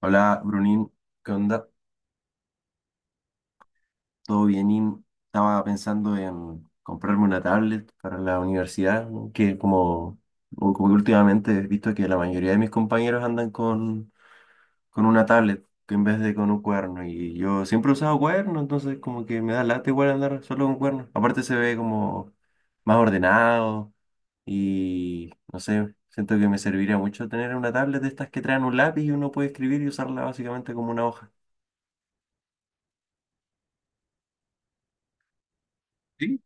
Hola, Brunín, ¿qué onda? ¿Todo bienín? Estaba pensando en comprarme una tablet para la universidad, ¿no? Que como, o como que últimamente he visto que la mayoría de mis compañeros andan con una tablet que en vez de con un cuerno, y yo siempre he usado cuerno, entonces como que me da lata igual andar solo con cuerno. Aparte se ve como más ordenado y no sé, siento que me serviría mucho tener una tablet de estas que traen un lápiz y uno puede escribir y usarla básicamente como una hoja. Sí.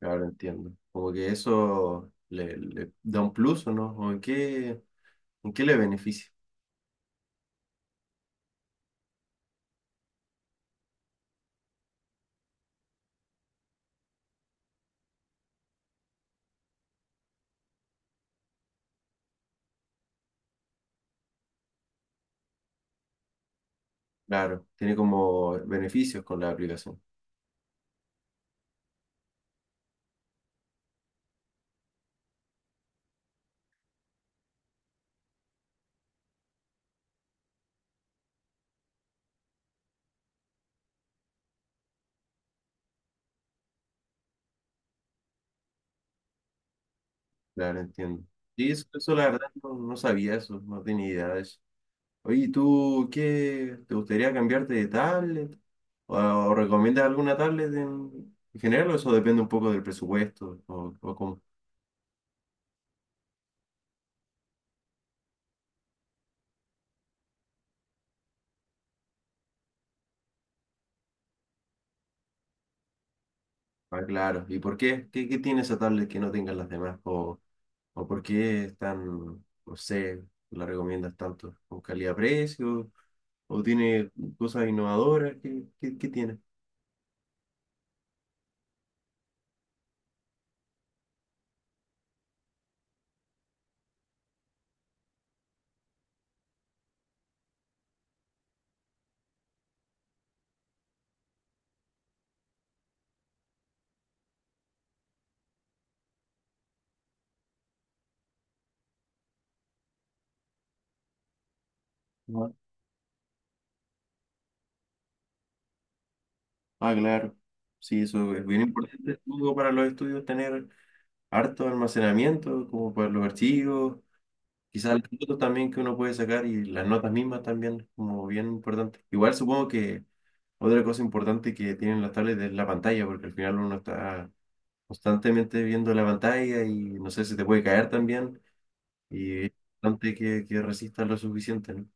Ahora entiendo. Como que eso le da un plus o no, o en qué le beneficia. Claro, tiene como beneficios con la aplicación. Claro, entiendo. Sí, eso la verdad no sabía eso, no tenía idea de eso. Oye, ¿y ¿tú qué? ¿Te gustaría cambiarte de tablet? ¿O recomiendas alguna tablet en general o eso depende un poco del presupuesto o cómo? Ah, claro. ¿Y por qué? ¿Qué, qué tiene esa tablet que no tengan las demás? O por qué es tan, no sé, la recomiendas tanto? ¿Con calidad-precio? ¿O tiene cosas innovadoras? ¿Qué, qué, qué tiene? Ajá. Ah, claro. Sí, eso es bien importante luego para los estudios tener harto almacenamiento, como para los archivos, quizás las fotos también que uno puede sacar y las notas mismas también, como bien importante. Igual supongo que otra cosa importante que tienen las tablets es la pantalla, porque al final uno está constantemente viendo la pantalla y no sé si te puede caer también y es importante que resistas lo suficiente, ¿no?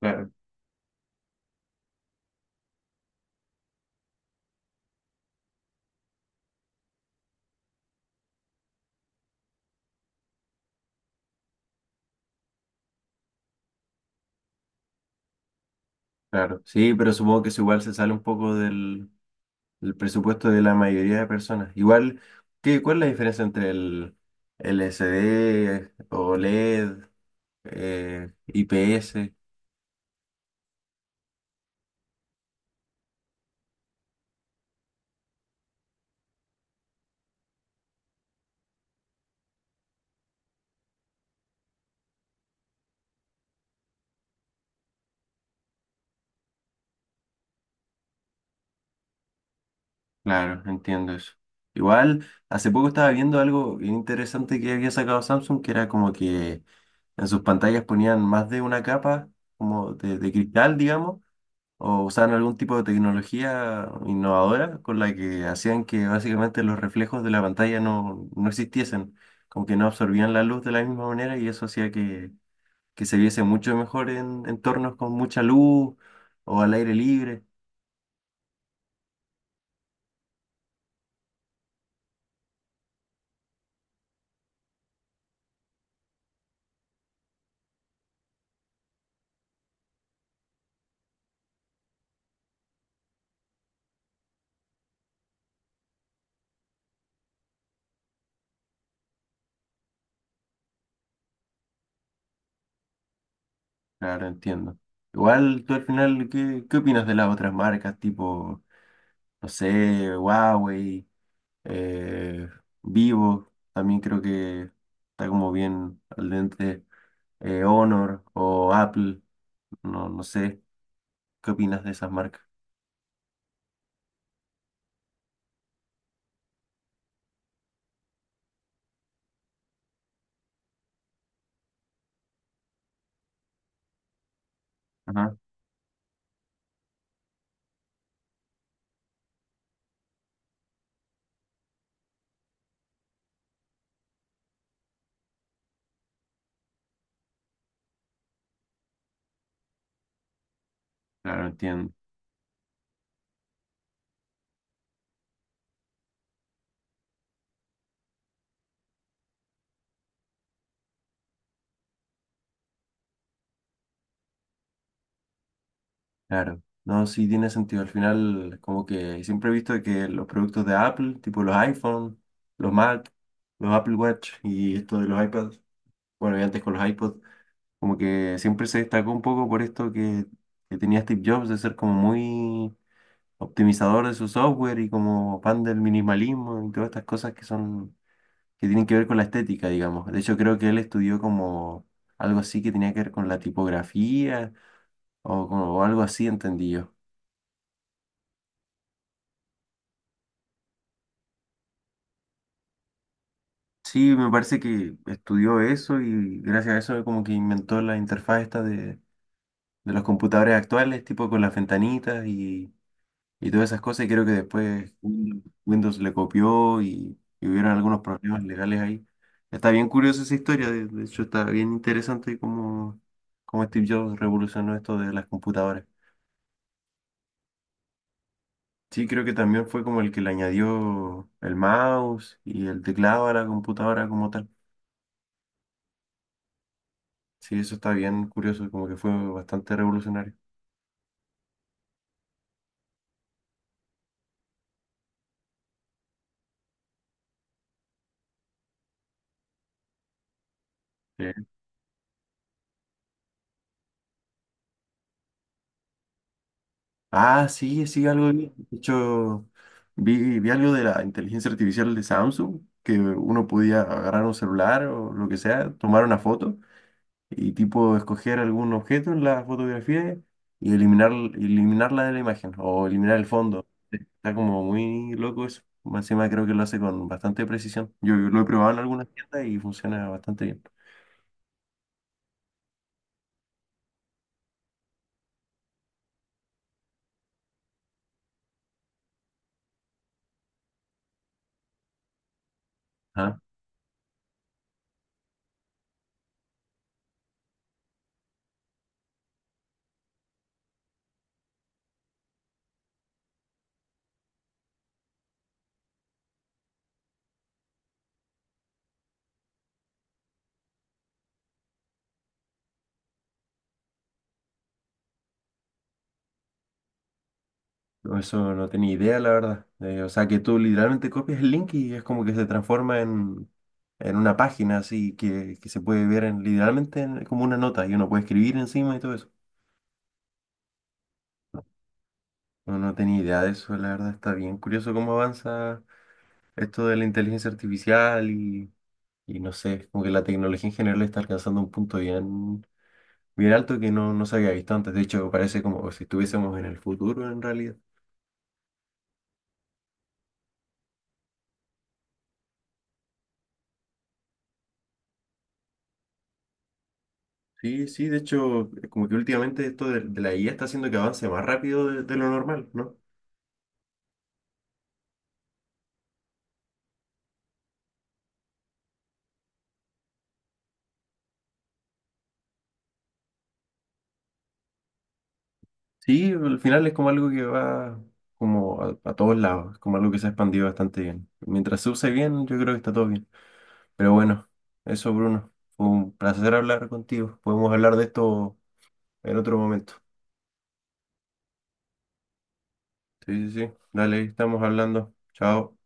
Claro, claro. Sí, pero supongo que eso igual se sale un poco del, del presupuesto de la mayoría de personas. Igual, ¿qué, cuál es la diferencia entre el L C d OLED, IPS? Claro, entiendo eso. Igual, hace poco estaba viendo algo bien interesante que había sacado Samsung, que era como que en sus pantallas ponían más de una capa como de cristal, digamos, o usaban algún tipo de tecnología innovadora con la que hacían que básicamente los reflejos de la pantalla no existiesen, como que no absorbían la luz de la misma manera y eso hacía que se viese mucho mejor en entornos con mucha luz o al aire libre. Claro, entiendo. Igual tú al final, ¿qué, qué opinas de las otras marcas tipo, no sé, Huawei, eh, Vivo? También creo que está como bien al dente Honor o Apple, no sé, ¿qué opinas de esas marcas? Ajá, claro, entiendo. Claro. No, sí tiene sentido. Al final, como que siempre he visto que los productos de Apple, tipo los iPhone, los Mac, los Apple Watch y esto de los iPads, bueno, y antes con los iPods. Como que siempre se destacó un poco por esto que tenía Steve Jobs de ser como muy optimizador de su software y como fan del minimalismo y todas estas cosas que son, que tienen que ver con la estética, digamos. De hecho, creo que él estudió como algo así que tenía que ver con la tipografía o, o algo así, entendí yo. Sí, me parece que estudió eso y gracias a eso como que inventó la interfaz esta de los computadores actuales, tipo con las ventanitas y todas esas cosas, y creo que después Windows le copió y hubieron algunos problemas legales ahí. Está bien curiosa esa historia, de hecho está bien interesante cómo, cómo Steve Jobs revolucionó esto de las computadoras. Sí, creo que también fue como el que le añadió el mouse y el teclado a la computadora como tal. Sí, eso está bien curioso, como que fue bastante revolucionario. Sí. Ah, sí, sí, algo vi. De hecho, vi algo de la inteligencia artificial de Samsung, que uno podía agarrar un celular o lo que sea, tomar una foto y tipo escoger algún objeto en la fotografía y eliminarla de la imagen o eliminar el fondo. Está como muy loco eso. Más encima creo que lo hace con bastante precisión. Yo lo he probado en algunas tiendas y funciona bastante bien. Ah, no, eso no tenía idea, la verdad. O sea que tú literalmente copias el link y es como que se transforma en una página así que se puede ver literalmente como una nota y uno puede escribir encima y todo eso. No, no tenía idea de eso, la verdad está bien curioso cómo avanza esto de la inteligencia artificial y no sé, como que la tecnología en general está alcanzando un punto bien, bien alto que no se había visto antes. De hecho, parece como si estuviésemos en el futuro en realidad. Sí, sí, de hecho, como que últimamente esto de la IA está haciendo que avance más rápido de lo normal, ¿no? Sí, al final es como algo que va como a todos lados, es como algo que se ha expandido bastante bien. Mientras se use bien, yo creo que está todo bien. Pero bueno, eso Bruno, fue un placer hablar contigo. Podemos hablar de esto en otro momento. Sí, sí, sí. Dale, ahí estamos hablando. Chao.